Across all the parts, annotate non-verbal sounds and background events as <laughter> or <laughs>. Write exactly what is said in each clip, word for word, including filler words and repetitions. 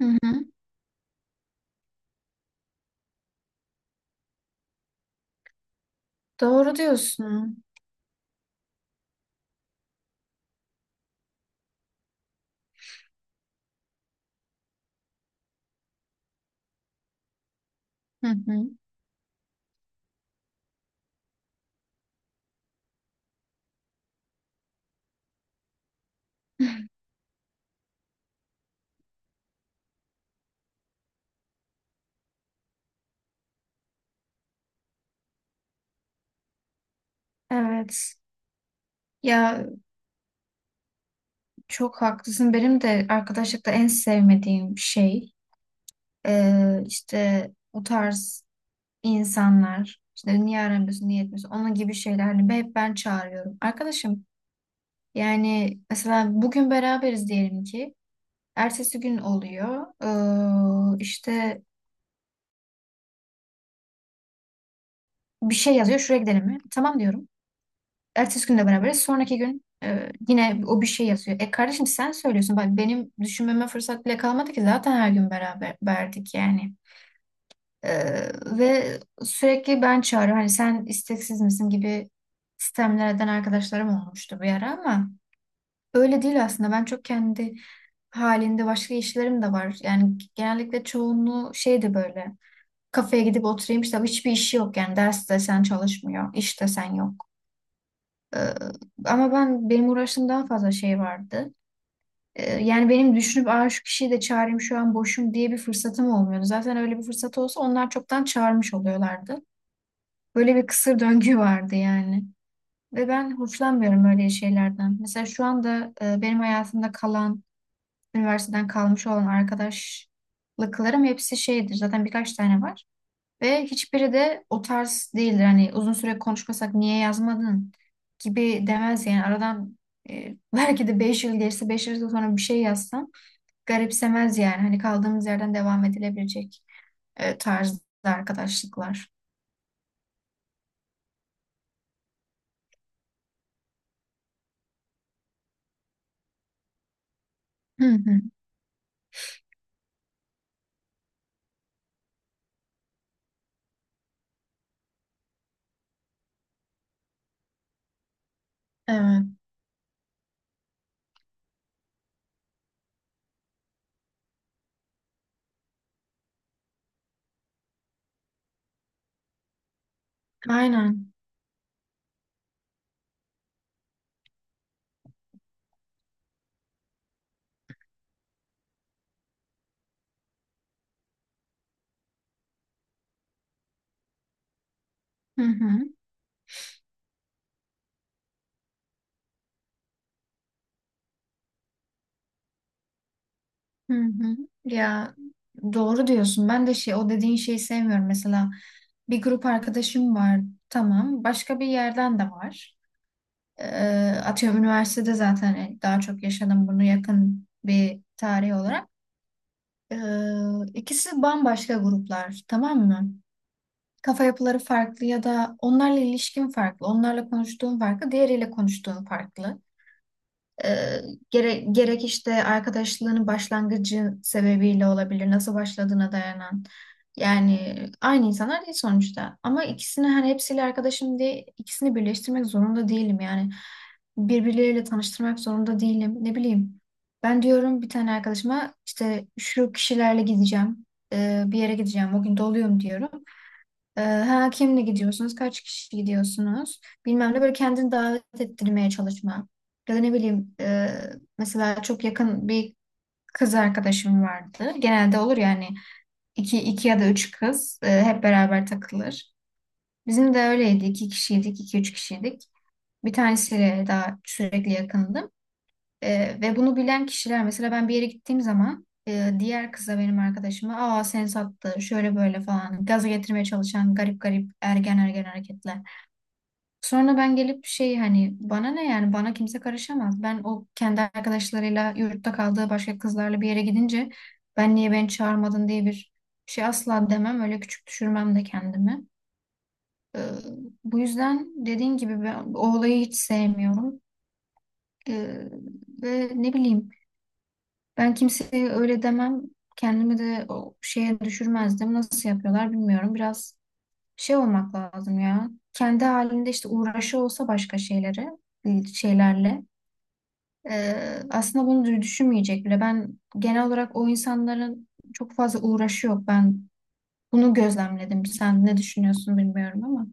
Hı hı. Doğru diyorsun. Hı hı. Evet. Ya çok haklısın. Benim de arkadaşlıkta en sevmediğim şey e, işte o tarz insanlar. İşte niye aramıyorsun, niye etmiyorsun, onun gibi şeyler. Hani hep ben çağırıyorum. Arkadaşım yani mesela bugün beraberiz diyelim ki. Ertesi gün oluyor. Ee, işte bir şey yazıyor. Şuraya gidelim mi? Tamam diyorum. Ertesi gün de beraberiz. Sonraki gün e, yine o bir şey yazıyor. E kardeşim sen söylüyorsun. Bak benim düşünmeme fırsat bile kalmadı ki zaten her gün beraber verdik yani. E, ve sürekli ben çağırıyorum. Hani sen isteksiz misin gibi sistemlerden arkadaşlarım olmuştu bir ara ama öyle değil aslında. Ben çok kendi halinde başka işlerim de var. Yani genellikle çoğunluğu şeydi böyle. Kafeye gidip oturayım işte hiçbir işi yok yani ders desen çalışmıyor, iş desen yok. Ee, ama ben benim uğraştığım daha fazla şey vardı. Ee, yani benim düşünüp aa, şu kişiyi de çağırayım şu an boşum diye bir fırsatım olmuyordu. Zaten öyle bir fırsat olsa onlar çoktan çağırmış oluyorlardı. Böyle bir kısır döngü <laughs> vardı yani. Ve ben hoşlanmıyorum öyle şeylerden. Mesela şu anda e, benim hayatımda kalan, üniversiteden kalmış olan arkadaşlıklarım hepsi şeydir. Zaten birkaç tane var. Ve hiçbiri de o tarz değildir. Hani uzun süre konuşmasak niye yazmadın gibi demez yani. Aradan e, <laughs> belki de beş yıl geçse beş yıl sonra bir şey yazsam garipsemez yani. Hani kaldığımız yerden devam edilebilecek e, tarzda arkadaşlıklar. Hı hı. Evet. Aynen. Hı hı. Hı hı. Ya doğru diyorsun. Ben de şey o dediğin şeyi sevmiyorum. Mesela bir grup arkadaşım var. Tamam. Başka bir yerden de var. Ee, atıyorum üniversitede zaten yani daha çok yaşadım bunu yakın bir tarih olarak. Ee, ikisi bambaşka gruplar, tamam mı? Kafa yapıları farklı ya da onlarla ilişkin farklı, onlarla konuştuğun farklı, diğeriyle konuştuğun farklı. E, gere- gerek işte arkadaşlığının başlangıcı sebebiyle olabilir, nasıl başladığına dayanan. Yani aynı insanlar değil sonuçta. Ama ikisini hani hepsiyle arkadaşım diye ikisini birleştirmek zorunda değilim. Yani birbirleriyle tanıştırmak zorunda değilim. Ne bileyim. Ben diyorum bir tane arkadaşıma işte şu kişilerle gideceğim. e, bir yere gideceğim. O gün doluyum diyorum. Ee, ha, kimle gidiyorsunuz? Kaç kişi gidiyorsunuz? Bilmem ne böyle kendini davet ettirmeye çalışma. Ya da ne bileyim e, mesela çok yakın bir kız arkadaşım vardı. Genelde olur yani iki, iki ya da üç kız e, hep beraber takılır. Bizim de öyleydi. İki kişiydik, iki üç kişiydik. Bir tanesiyle daha sürekli yakındım. Ee, ve bunu bilen kişiler mesela ben bir yere gittiğim zaman e, diğer kıza benim arkadaşıma aa sen sattı şöyle böyle falan gaza getirmeye çalışan garip garip ergen ergen hareketler. Sonra ben gelip şey hani bana ne yani bana kimse karışamaz. Ben o kendi arkadaşlarıyla yurtta kaldığı başka kızlarla bir yere gidince ben niye beni çağırmadın diye bir şey asla demem öyle küçük düşürmem de kendimi. Ee, bu yüzden dediğin gibi ben o olayı hiç sevmiyorum. Ee, ve ne bileyim ben kimseye öyle demem. Kendimi de o şeye düşürmezdim. Nasıl yapıyorlar bilmiyorum. Biraz şey olmak lazım ya. Kendi halinde işte uğraşı olsa başka şeyleri, şeylerle. Ee, aslında bunu dü- düşünmeyecek bile. Ben genel olarak o insanların çok fazla uğraşı yok. Ben bunu gözlemledim. Sen ne düşünüyorsun bilmiyorum ama.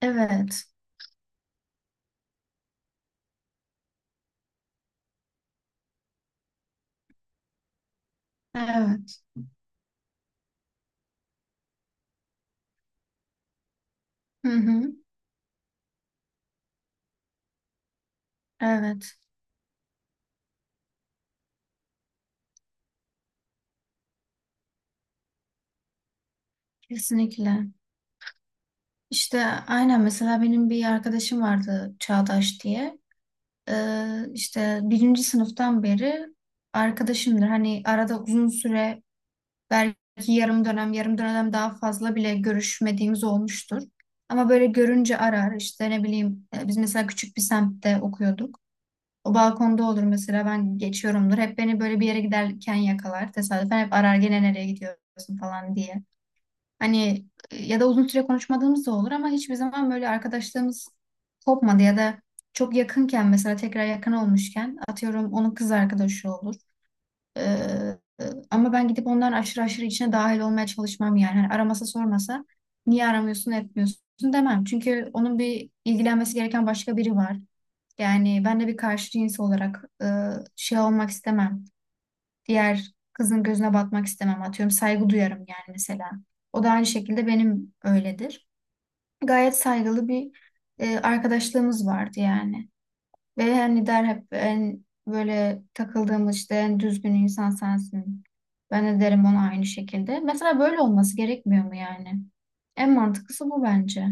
Evet. Evet. Hı hı. Evet. Kesinlikle. İşte aynen mesela benim bir arkadaşım vardı Çağdaş diye. Ee, işte birinci sınıftan beri arkadaşımdır. Hani arada uzun süre belki yarım dönem, yarım dönem daha fazla bile görüşmediğimiz olmuştur. Ama böyle görünce arar. ara işte ne bileyim e, biz mesela küçük bir semtte okuyorduk. O balkonda olur mesela ben geçiyorumdur. Hep beni böyle bir yere giderken yakalar tesadüfen hep arar gene nereye gidiyorsun falan diye. Hani e, ya da uzun süre konuşmadığımız da olur ama hiçbir zaman böyle arkadaşlığımız kopmadı ya da çok yakınken mesela tekrar yakın olmuşken atıyorum onun kız arkadaşı olur. Ee, e, ama ben gidip onların aşırı aşırı içine dahil olmaya çalışmam yani. Hani aramasa sormasa niye aramıyorsun etmiyorsun demem. Çünkü onun bir ilgilenmesi gereken başka biri var. Yani ben de bir karşı cins olarak e, şey olmak istemem diğer kızın gözüne batmak istemem atıyorum. Saygı duyarım yani mesela. O da aynı şekilde benim öyledir. Gayet saygılı bir e, arkadaşlığımız vardı yani. Ve hani der hep en böyle takıldığımız işte en düzgün insan sensin. Ben de derim ona aynı şekilde. Mesela böyle olması gerekmiyor mu yani? En mantıklısı bu bence.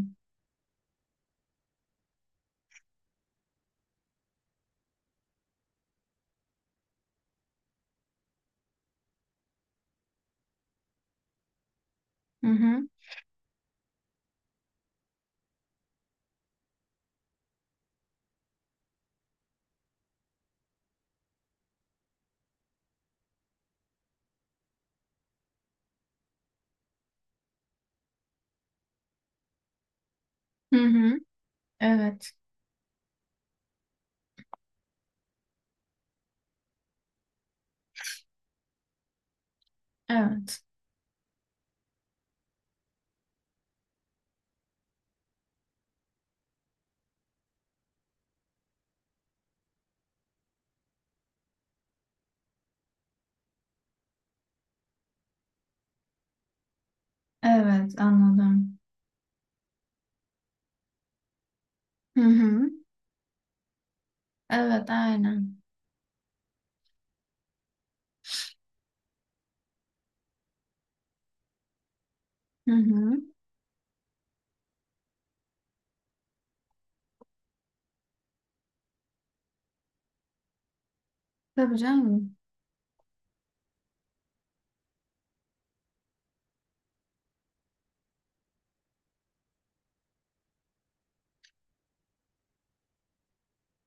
Hı hı. Hı hı. Evet. Evet. Evet anladım. Hı hı. Evet aynen. Hı hı. Tabii canım.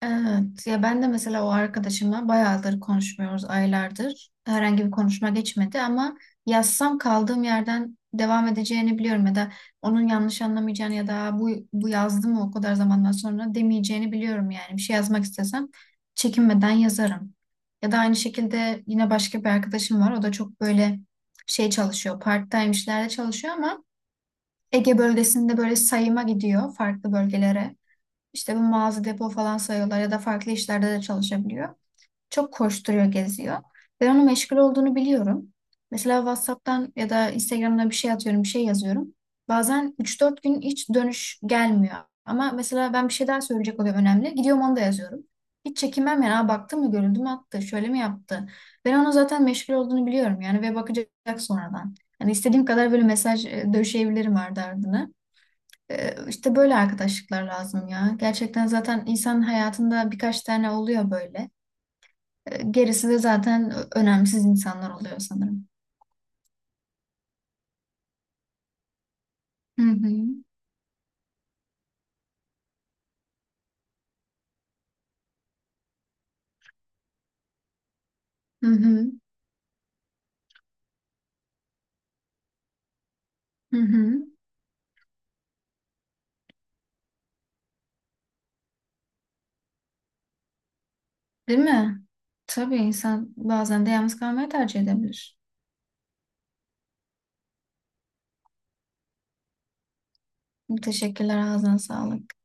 Evet ya ben de mesela o arkadaşımla bayağıdır konuşmuyoruz aylardır. Herhangi bir konuşma geçmedi ama yazsam kaldığım yerden devam edeceğini biliyorum ya da onun yanlış anlamayacağını ya da bu bu yazdı mı o kadar zamandan sonra demeyeceğini biliyorum yani. Bir şey yazmak istesem çekinmeden yazarım. Ya da aynı şekilde yine başka bir arkadaşım var. O da çok böyle şey çalışıyor. Part-time işlerde çalışıyor ama Ege bölgesinde böyle sayıma gidiyor farklı bölgelere. İşte bu mağaza depo falan sayıyorlar ya da farklı işlerde de çalışabiliyor. Çok koşturuyor, geziyor. Ben onun meşgul olduğunu biliyorum. Mesela WhatsApp'tan ya da Instagram'dan bir şey atıyorum, bir şey yazıyorum. Bazen üç dört gün hiç dönüş gelmiyor. Ama mesela ben bir şey daha söyleyecek oluyor önemli. Gidiyorum onu da yazıyorum. Hiç çekinmem yani. Aa, baktı mı görüldü mü attı, şöyle mi yaptı? Ben onun zaten meşgul olduğunu biliyorum yani ve bakacak sonradan. Yani istediğim kadar böyle mesaj e, döşeyebilirim ardı ardına. Ee, İşte böyle arkadaşlıklar lazım ya. Gerçekten zaten insan hayatında birkaç tane oluyor böyle. Ee, Gerisi de zaten ö- önemsiz insanlar oluyor sanırım. Hı hı. Hı hı. Hı hı. Değil mi? Tabii insan bazen de yalnız kalmayı tercih edebilir. Teşekkürler, ağzına sağlık.